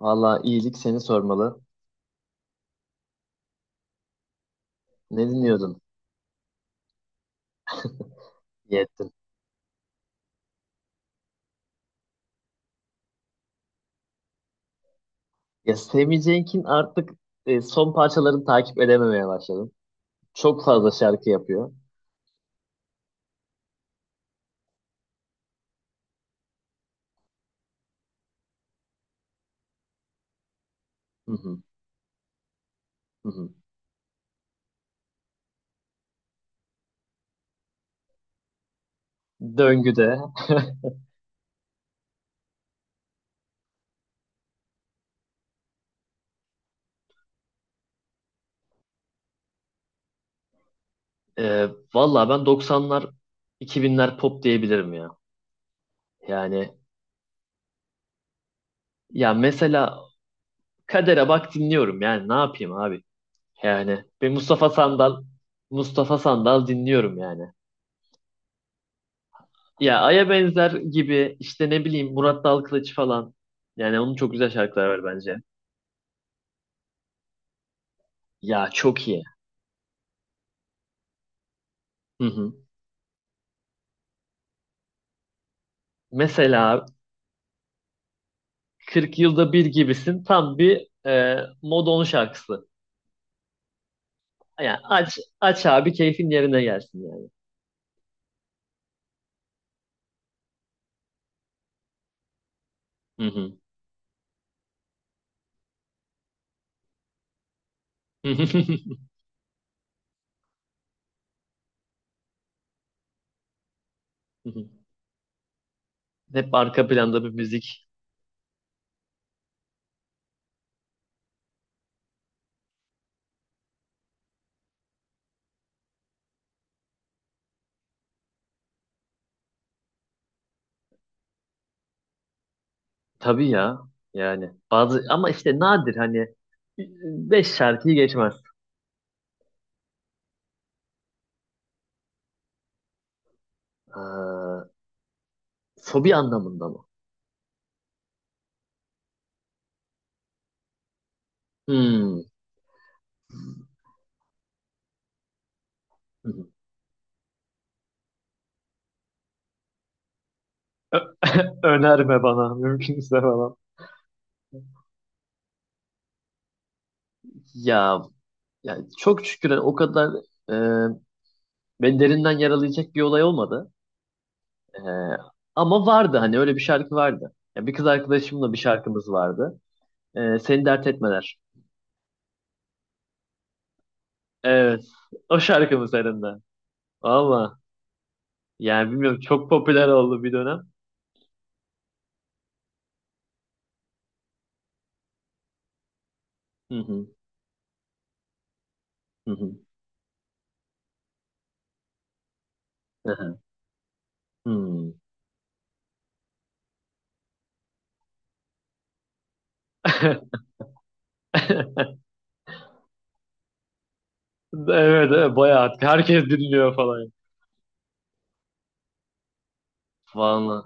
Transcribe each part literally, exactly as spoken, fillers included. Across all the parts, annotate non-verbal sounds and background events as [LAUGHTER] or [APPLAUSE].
Valla iyilik, seni sormalı. Ne dinliyordun? İyi ettin. Ya Sammy Cenk'in artık e, son parçalarını takip edememeye başladım. Çok fazla şarkı yapıyor. Hı hı, hı hı. Döngüde. [LAUGHS] E, Valla ben doksanlar iki binler pop diyebilirim ya. Yani ya mesela Kader'e bak dinliyorum, yani ne yapayım abi. Yani bir Mustafa Sandal Mustafa Sandal dinliyorum yani. Ya Ay'a benzer gibi, işte ne bileyim, Murat Dalkılıç falan. Yani onun çok güzel şarkıları var bence. Ya çok iyi. Hı hı. Mesela kırk yılda bir gibisin, tam bir e, Modon şarkısı. Yani aç aç abi, keyfin yerine gelsin yani. Hı hı. [LAUGHS] Hı hı. Hep arka planda bir müzik. Tabii ya. Yani bazı ama işte nadir hani beş şarkıyı geçmez. Ee, Fobi anlamında mı? Hmm. Hı hı. [LAUGHS] Önerme bana mümkünse falan. Ya, ya çok şükür o kadar e, beni derinden yaralayacak bir olay olmadı. E, Ama vardı hani, öyle bir şarkı vardı. Ya, bir kız arkadaşımla bir şarkımız vardı. E, Seni Dert Etmeler. Evet. O şarkımız senin de. Ama yani bilmiyorum, çok popüler oldu bir dönem. Hı hı. Hı hı. Hı hı. Hı. [LAUGHS] Evet, evet, bayağı herkes dinliyor falan. Vallahi.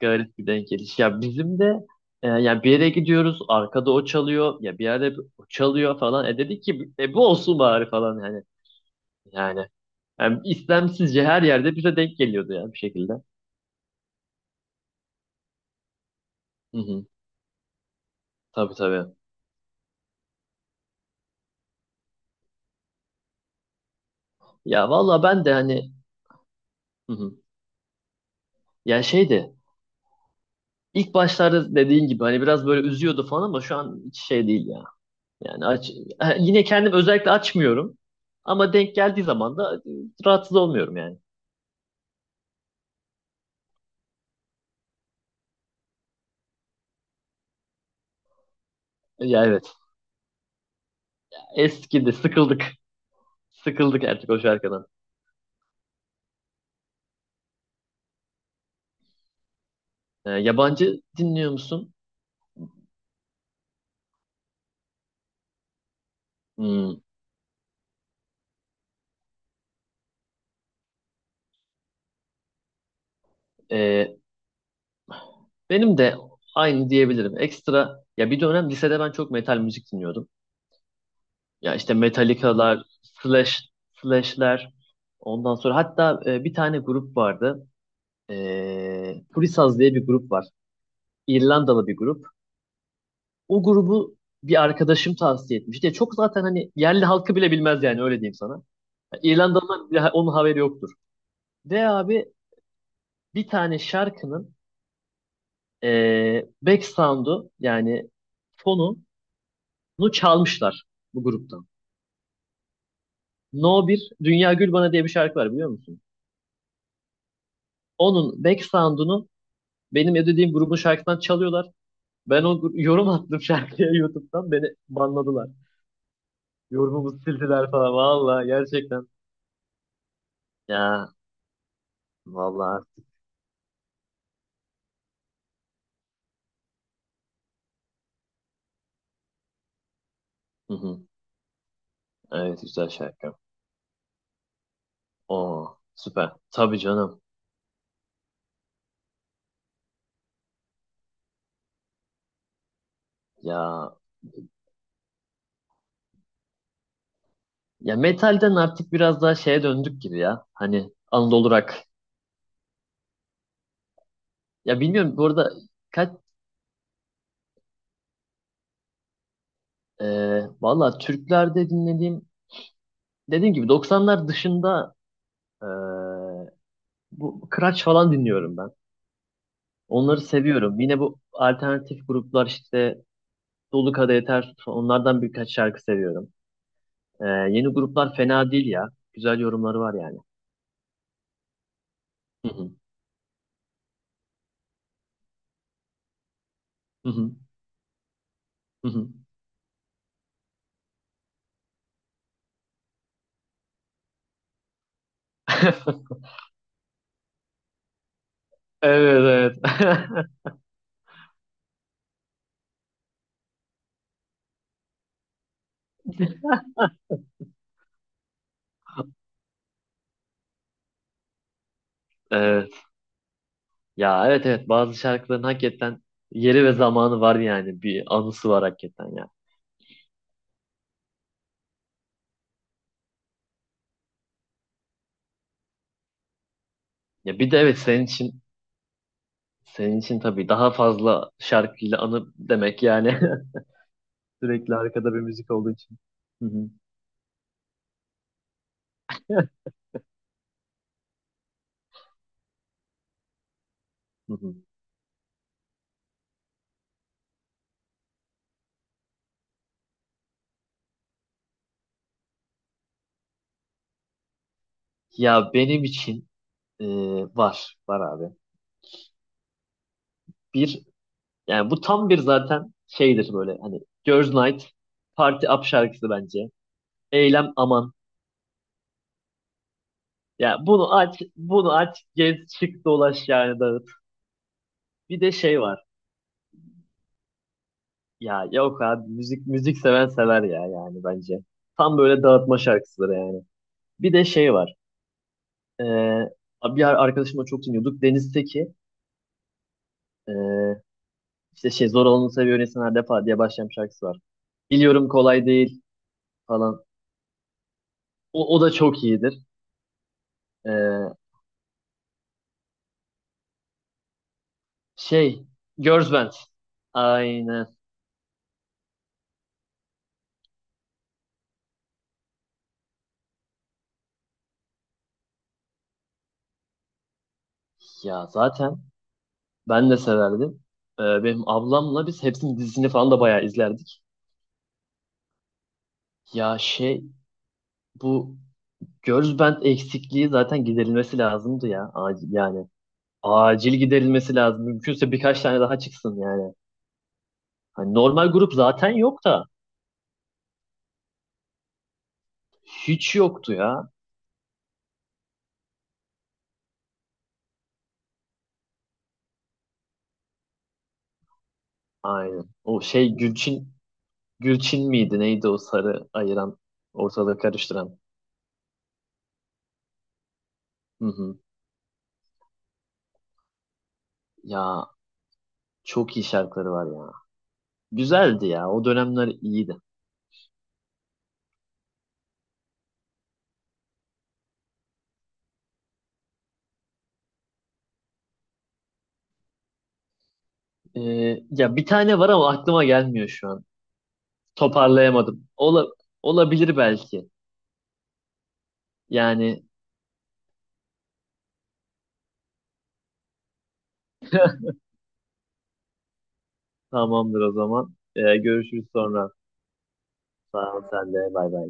Garip bir denk geliş. Ya bizim de e, yani bir yere gidiyoruz, arkada o çalıyor ya, bir yerde o çalıyor falan. E dedik ki, e, bu olsun bari falan yani. Yani, yani istemsizce her yerde bize denk geliyordu yani, bir şekilde. Hı hı. Tabii tabii. Ya vallahi ben de hani, hı hı. Ya şeydi, ilk başlarda dediğin gibi hani biraz böyle üzüyordu falan, ama şu an hiç şey değil ya. Yani aç... [LAUGHS] Yine kendim özellikle açmıyorum, ama denk geldiği zaman da e, rahatsız olmuyorum yani. Ya evet, eskidi, sıkıldık. Sıkıldık artık o şarkıdan. Ee, yabancı dinliyor musun? Hmm, ee, benim de aynı diyebilirim. Ekstra ya, bir dönem lisede ben çok metal müzik dinliyordum. Ya işte Metallica'lar, Slash, Slash'ler. Ondan sonra hatta e, bir tane grup vardı. Ee, Purisaz diye bir grup var. İrlandalı bir grup. O grubu bir arkadaşım tavsiye etmişti. Ya çok, zaten hani yerli halkı bile bilmez yani, öyle diyeyim sana. Ya İrlandalılar bile onun haberi yoktur. Ve abi bir tane şarkının e, back sound'u, yani fonunu, çalmışlar bu gruptan. No bir Dünya Gül Bana diye bir şarkı var, biliyor musun? Onun back sound'unu benim ödediğim grubun şarkısından çalıyorlar. Ben o gru- yorum attım şarkıya. [LAUGHS] YouTube'dan beni banladılar. Yorumumu sildiler falan. Valla gerçekten. Ya valla. Hı hı. Evet, güzel şarkı. Oo, süper. Tabii canım. Ya ya metalden artık biraz daha şeye döndük gibi ya. Hani Anadolu rock... Ya bilmiyorum, bu arada kaç... e, Valla, Türklerde dinlediğim, dediğim gibi doksanlar dışında, e, bu Kıraç falan dinliyorum ben. Onları seviyorum. Yine bu alternatif gruplar işte, Dolu Kadehi Ters Tut, onlardan birkaç şarkı seviyorum. E, yeni gruplar fena değil ya. Güzel yorumları var yani. Hı hı. Hı hı. Hı hı. [LAUGHS] Evet, evet. [LAUGHS] Evet. Ya evet, evet, bazı şarkıların hakikaten yeri ve zamanı var yani, bir anısı var hakikaten ya. Ya bir de evet, senin için Senin için tabii daha fazla şarkıyla anı demek yani. [LAUGHS] Sürekli arkada bir müzik olduğu için. Hı hı, hı hı. Ya benim için e, var. Var abi. Bir, yani bu tam bir zaten şeydir, böyle hani Girls Night Party Up şarkısı bence. Eylem aman. Ya bunu aç, bunu aç, gez, çık, dolaş, yani dağıt. Bir de şey var. Ya yok abi, müzik müzik seven sever ya, yani bence. Tam böyle dağıtma şarkısıdır yani. Bir de şey var. Ee, Bir ar- arkadaşımla çok dinliyorduk. Deniz'teki, ee, işte şey, zor olanı seviyor insan her defa diye başlayan bir şarkısı var. Biliyorum kolay değil falan. O, o da çok iyidir. Ee, Şey, Girls Band. Aynen. Ya zaten ben de severdim. Ee, benim ablamla biz hepsinin dizisini falan da bayağı izlerdik. Ya şey, bu Girls Band eksikliği zaten giderilmesi lazımdı ya. Acil, yani acil giderilmesi lazım. Mümkünse birkaç tane daha çıksın yani. Hani normal grup zaten yok da, hiç yoktu ya. Aynen. O şey Gülçin Gülçin miydi? Neydi o sarı ayıran, ortalığı karıştıran? Hı hı. Ya çok iyi şarkıları var ya. Güzeldi ya. O dönemler iyiydi. Ee, Ya bir tane var ama aklıma gelmiyor şu an. Toparlayamadım. Ola, olabilir belki. Yani tamamdır o zaman. Ee, görüşürüz sonra. Sağ ol sen de. Bay bay.